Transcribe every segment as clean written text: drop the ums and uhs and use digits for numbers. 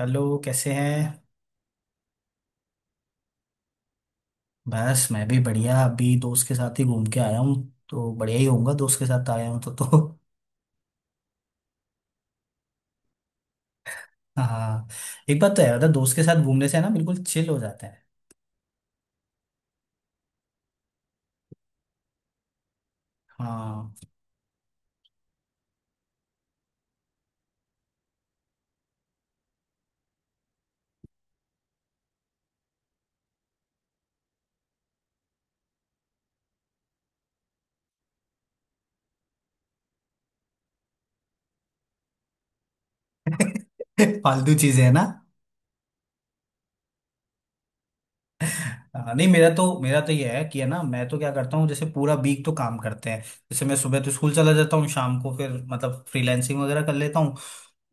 Hello, कैसे हैं। बस मैं भी बढ़िया, अभी दोस्त के साथ ही घूम के आया हूँ। तो बढ़िया ही होऊंगा, दोस्त के साथ आया हूँ तो। हाँ। एक बात तो है, मतलब दोस्त के साथ घूमने से है ना, बिल्कुल चिल हो जाता है। हाँ। फालतू चीजें है ना। हाँ, नहीं, मेरा तो ये है कि है ना, मैं तो क्या करता हूँ, जैसे पूरा वीक तो काम करते हैं। जैसे मैं सुबह तो स्कूल चला जाता हूँ, शाम को फिर मतलब फ्रीलैंसिंग वगैरह कर लेता हूँ,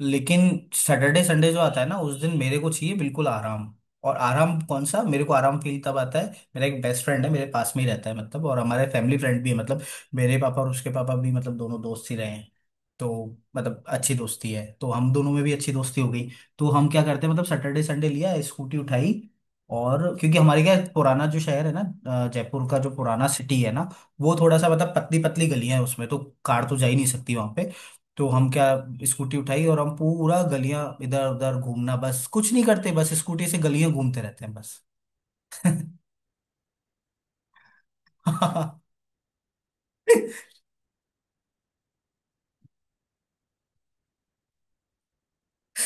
लेकिन सैटरडे संडे जो आता है ना, उस दिन मेरे को चाहिए बिल्कुल आराम। और आराम कौन सा, मेरे को आराम फील तब आता है। मेरा एक बेस्ट फ्रेंड है, मेरे पास में ही रहता है मतलब, और हमारे फैमिली फ्रेंड भी है मतलब, मेरे पापा और उसके पापा भी, मतलब दोनों दोस्त ही रहे हैं, तो मतलब अच्छी दोस्ती है, तो हम दोनों में भी अच्छी दोस्ती हो गई। तो हम क्या करते हैं, मतलब सैटरडे संडे लिया स्कूटी उठाई। और क्योंकि हमारे क्या है, पुराना जो शहर है ना, जयपुर का जो पुराना सिटी है ना, वो थोड़ा सा मतलब पतली पतली गलियां है उसमें, तो कार तो जा ही नहीं सकती वहां पे। तो हम क्या, स्कूटी उठाई और हम पूरा गलियां इधर उधर घूमना, बस कुछ नहीं करते, बस स्कूटी से गलियां घूमते रहते हैं, बस।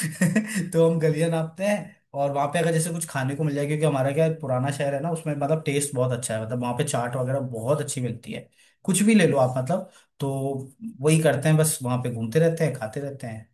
तो हम गलियां नापते हैं, और वहां पे अगर जैसे कुछ खाने को मिल जाए, क्योंकि हमारा क्या है, पुराना शहर है ना, उसमें मतलब टेस्ट बहुत अच्छा है, मतलब वहां पे चाट वगैरह बहुत अच्छी मिलती है। कुछ भी ले लो आप मतलब, तो वही करते हैं, बस वहां पे घूमते रहते हैं, खाते रहते हैं।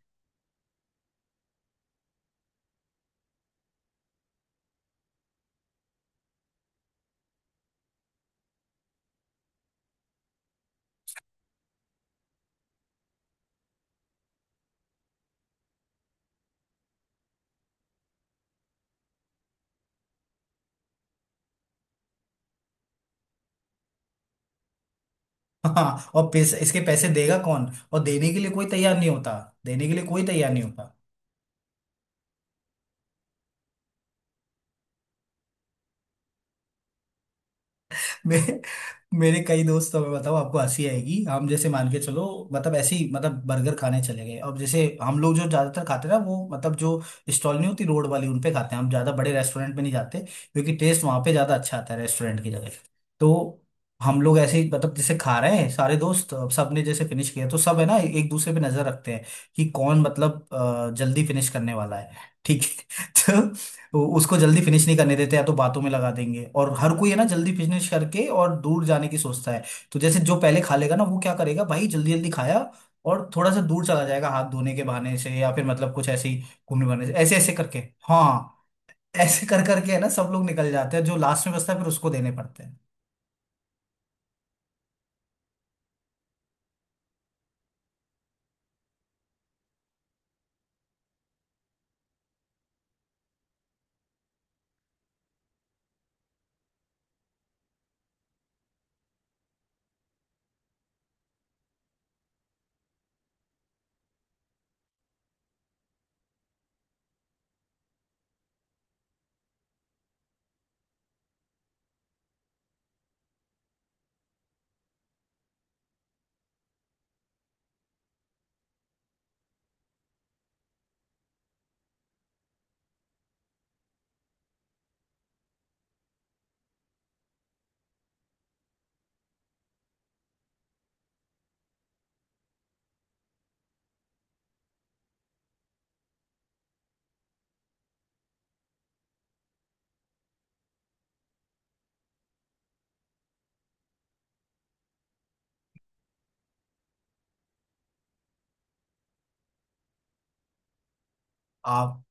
हाँ, और पैसे, इसके पैसे देगा कौन। और देने के लिए कोई तैयार नहीं होता। देने के लिए कोई तैयार नहीं होता। मेरे मेरे कई दोस्त, तो मैं बताऊँ आपको हंसी आएगी, हम जैसे मान के चलो। मतलब ऐसे ही मतलब बर्गर खाने चले गए, अब जैसे हम लोग जो ज्यादातर खाते हैं ना, वो मतलब जो स्टॉल नहीं होती रोड वाली, उन पे खाते हैं, हम ज्यादा बड़े रेस्टोरेंट में नहीं जाते, क्योंकि टेस्ट वहां पे ज्यादा अच्छा आता है रेस्टोरेंट की जगह। तो हम लोग ऐसे ही, मतलब जैसे खा रहे हैं सारे दोस्त, अब सबने जैसे फिनिश किया, तो सब है ना एक दूसरे पे नजर रखते हैं, कि कौन मतलब जल्दी फिनिश करने वाला है, ठीक है। तो उसको जल्दी फिनिश नहीं करने देते, या तो बातों में लगा देंगे, और हर कोई है ना जल्दी फिनिश करके और दूर जाने की सोचता है। तो जैसे जो पहले खा लेगा ना, वो क्या करेगा भाई, जल्दी जल्दी खाया, और थोड़ा सा दूर चला जाएगा हाथ धोने के बहाने से, या फिर मतलब कुछ ऐसे ही, घूमने बहाने से, ऐसे ऐसे करके। हाँ। ऐसे कर करके है ना, सब लोग निकल जाते हैं, जो लास्ट में बचता है फिर उसको देने पड़ते हैं। आप,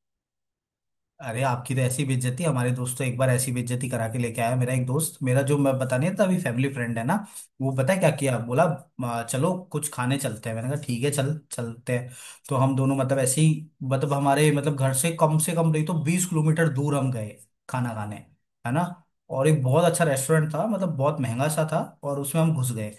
अरे, आपकी तो ऐसी बेइज्जती, हमारे दोस्त तो एक बार ऐसी बेइज्जती करा के लेके आया, मेरा एक दोस्त, मेरा जो मैं बता नहीं था अभी, फैमिली फ्रेंड है ना। वो पता है क्या किया, बोला, "आ, चलो कुछ खाने चलते हैं, मैंने कहा ठीक है चल चलते हैं। तो हम दोनों मतलब ऐसे ही, मतलब हमारे मतलब घर से कम नहीं तो 20 किलोमीटर दूर हम गए, खाना खाने। है ना। और एक बहुत अच्छा रेस्टोरेंट था, मतलब बहुत महंगा सा था, और उसमें हम घुस गए।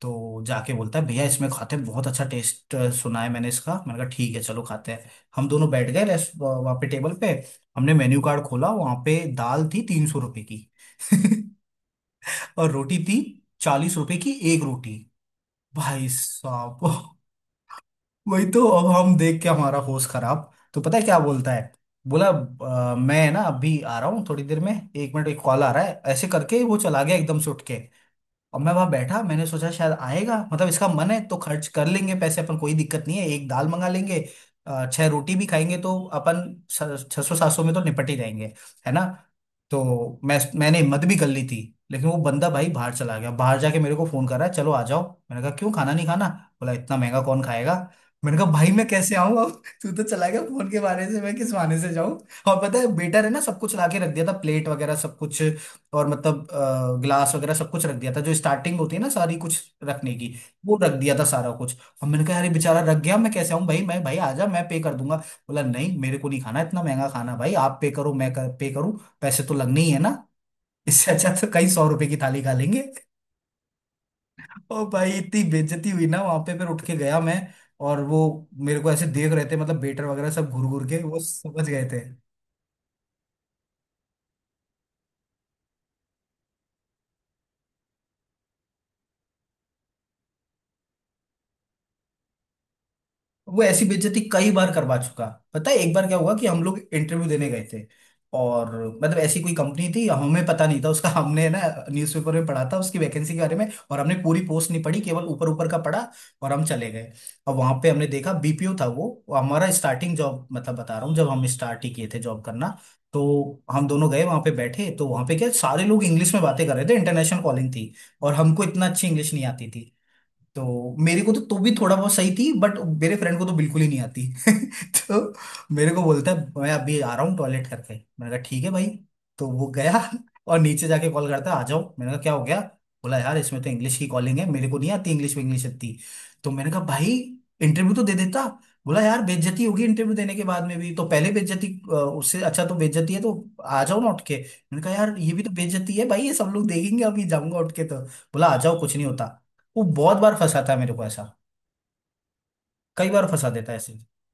तो जाके बोलता है, भैया इसमें खाते हैं, बहुत अच्छा टेस्ट सुना है मैंने इसका, मैंने कहा ठीक है चलो खाते हैं। हम दोनों बैठ गए, रेस्ट, वहाँ पे टेबल पे। हमने मेन्यू कार्ड खोला, वहाँ पे दाल थी 300 रुपए की। और रोटी थी, 40 रुपए की एक रोटी। भाई साहब, वही तो, अब हम देख के हमारा होश खराब, तो पता है क्या बोलता है। बोला, मैं ना अभी आ रहा हूँ थोड़ी देर में, एक मिनट, एक कॉल आ रहा है, ऐसे करके वो चला गया एकदम से उठ के। और मैं वहां बैठा, मैंने सोचा शायद आएगा, मतलब इसका मन है तो खर्च कर लेंगे पैसे अपन, कोई दिक्कत नहीं है, एक दाल मंगा लेंगे। छह रोटी भी खाएंगे तो अपन, 600-700 में तो निपट ही जाएंगे, है ना। तो मैंने हिम्मत भी कर ली थी। लेकिन वो बंदा भाई बाहर चला गया, बाहर जाके मेरे को फोन कर रहा है, चलो आ जाओ। मैंने कहा क्यों, खाना नहीं खाना। बोला, इतना महंगा कौन खाएगा। मैंने कहा भाई मैं कैसे आऊं अब, तू तो चला गया फोन के बहाने से, मैं किस बहाने से जाऊं। और पता है बेटर, है ना, सब कुछ ला के रख दिया था, प्लेट वगैरह सब कुछ। और मतलब ग्लास वगैरह सब कुछ रख दिया था, जो स्टार्टिंग होती है ना सारी कुछ रखने की। वो रख दिया था सारा कुछ। और मैंने कहा अरे, बेचारा रख गया, मैं कैसे आऊं भाई, मैं भाई आ जा, मैं पे कर दूंगा। बोला नहीं, मेरे को नहीं खाना इतना महंगा खाना, भाई आप पे करो, मैं कर, पे करूं। पैसे तो लगने ही है ना। इससे अच्छा तो कई सौ रुपए की थाली खा लेंगे। और भाई इतनी बेइज्जती हुई ना वहां पे, फिर उठ के गया मैं। और वो मेरे को ऐसे देख रहे थे, मतलब वेटर वगैरह, सब घूर घूर के, वो समझ गए थे। वो ऐसी बेइज्जती कई बार करवा चुका। पता है एक बार क्या हुआ, कि हम लोग इंटरव्यू देने गए थे। और मतलब ऐसी कोई कंपनी थी, हमें पता नहीं था उसका, हमने ना न्यूज़पेपर में पढ़ा था उसकी वैकेंसी के बारे में, और हमने पूरी पोस्ट नहीं पढ़ी, केवल ऊपर ऊपर का पढ़ा, और हम चले गए। अब वहां पे हमने देखा बीपीओ था, वो हमारा स्टार्टिंग जॉब, मतलब बता रहा हूँ जब हम स्टार्ट ही किए थे जॉब करना। तो हम दोनों गए वहां पे, बैठे तो वहां पे क्या, सारे लोग इंग्लिश में बातें कर रहे थे, इंटरनेशनल कॉलिंग थी। और हमको इतना अच्छी इंग्लिश नहीं आती थी। तो मेरे को तो भी थोड़ा बहुत सही थी, बट मेरे फ्रेंड को तो बिल्कुल ही नहीं आती। तो मेरे को बोलता है, मैं अभी आ रहा हूँ टॉयलेट करके। मैंने कहा ठीक है भाई। तो वो गया। और नीचे जाके कॉल करता है आ जाओ, मैंने कहा क्या हो गया। बोला यार, इसमें तो इंग्लिश की कॉलिंग है, मेरे को नहीं आती इंग्लिश, में इंग्लिश आती। तो मैंने कहा भाई, इंटरव्यू तो दे देता। बोला यार, बेइज्जती होगी इंटरव्यू देने के बाद में भी, तो पहले बेइज्जती। उससे अच्छा तो बेइज्जती है, तो आ जाओ ना उठ के, मैंने कहा यार ये भी तो बेइज्जती है भाई, ये सब लोग देखेंगे अभी जाऊंगा उठ के, तो बोला आ जाओ, कुछ नहीं होता। वो बहुत बार फंसाता है मेरे को ऐसा। कई बार फंसा देता है ऐसे।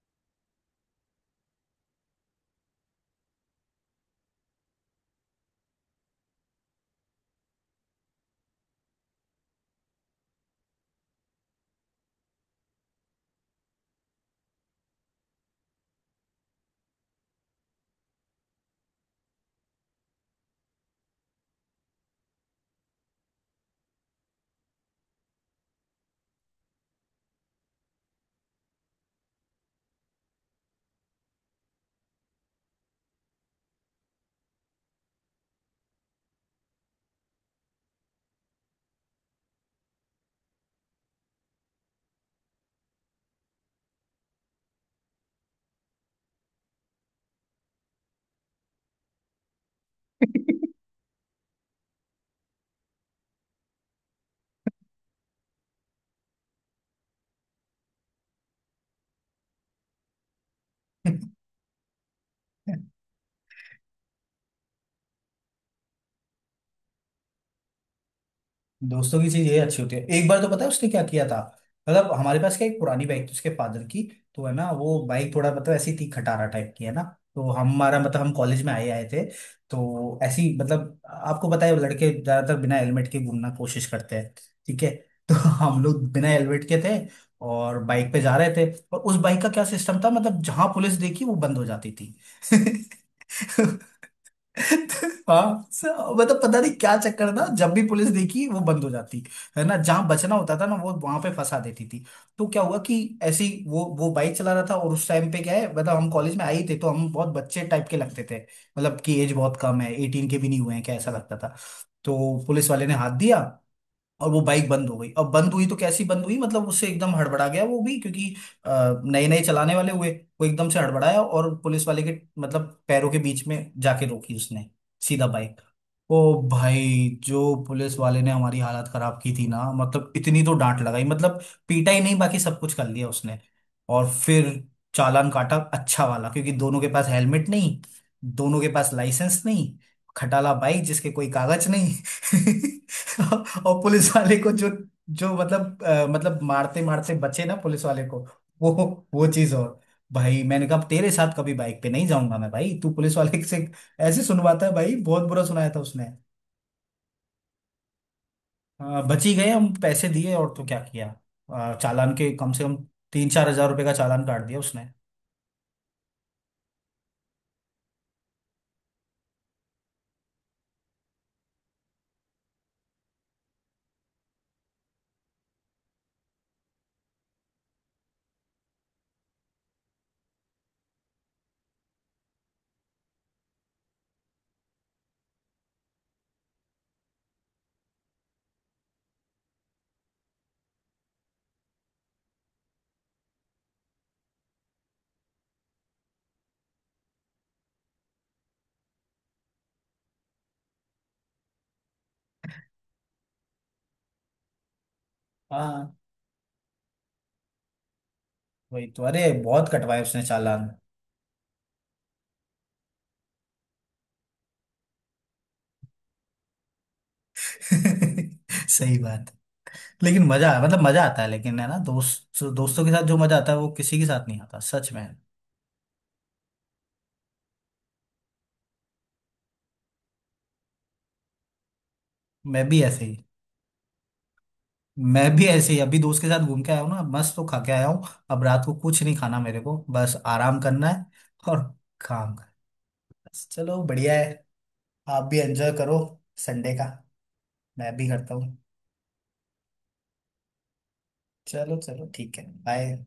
दोस्तों की चीज ये अच्छी होती है, एक बार तो पता है उसने क्या किया था। मतलब हमारे पास क्या, एक पुरानी बाइक थी उसके फादर की। तो है ना, वो बाइक थोड़ा मतलब ऐसी थी, खटारा टाइप की है ना। तो हमारा मतलब हम कॉलेज में आए आए थे। तो ऐसी, मतलब आपको पता है लड़के ज्यादातर बिना हेलमेट के घूमना कोशिश करते हैं, ठीक है। तो हम लोग बिना हेलमेट के थे, और बाइक पे जा रहे थे, और उस बाइक का क्या सिस्टम था, मतलब जहां पुलिस देखी वो बंद हो जाती थी। हाँ। मतलब पता नहीं क्या चक्कर था, जब भी पुलिस देखी वो बंद हो जाती, है ना, जहां बचना होता था ना, वो वहां पे फंसा देती थी। तो क्या हुआ कि ऐसी वो बाइक चला रहा था, और उस टाइम पे क्या है, मतलब हम कॉलेज में आए ही थे तो हम बहुत बच्चे टाइप के लगते थे। मतलब कि एज बहुत कम है, 18 के भी नहीं हुए हैं, क्या ऐसा लगता था। तो पुलिस वाले ने हाथ दिया। और वो बाइक बंद हो गई, अब बंद हुई तो कैसी बंद हुई, मतलब उससे एकदम हड़बड़ा गया वो भी, क्योंकि नए नए चलाने वाले हुए। वो एकदम से हड़बड़ाया, और पुलिस वाले के मतलब पैरों के बीच में जाके रोकी उसने, सीधा बाइक। ओ भाई, जो पुलिस वाले ने हमारी हालत खराब की थी ना, मतलब इतनी तो डांट लगाई मतलब, पीटा ही नहीं, बाकी सब कुछ कर लिया उसने। और फिर चालान काटा अच्छा वाला, क्योंकि दोनों के पास हेलमेट नहीं, दोनों के पास लाइसेंस नहीं, खटाला बाइक जिसके कोई कागज नहीं। तो और पुलिस वाले को जो जो मतलब मतलब मारते मारते बचे ना पुलिस वाले को, वो वो चीज और भाई मैंने कहा तेरे साथ कभी बाइक पे नहीं जाऊंगा मैं भाई, तू पुलिस वाले से ऐसे सुनवाता है भाई, बहुत बुरा सुनाया था उसने। बच ही गए हम, पैसे दिए, और तो क्या किया, चालान के कम से कम 3-4 हजार रुपए का चालान काट दिया उसने। हाँ, वही तो, अरे बहुत कटवाए उसने चालान। सही बात। लेकिन मजा, मतलब मजा आता है लेकिन है ना, दोस्त दोस्तों के साथ जो मजा आता है वो किसी के साथ नहीं आता सच में। मैं भी ऐसे ही। अभी दोस्त के साथ घूम के आया हूँ ना, मस्त तो खा के आया हूँ। अब रात को कुछ नहीं खाना मेरे को, बस आराम करना है, और काम करना है, चलो बढ़िया है। आप भी एंजॉय करो संडे का। मैं भी करता हूँ, चलो चलो ठीक है बाय।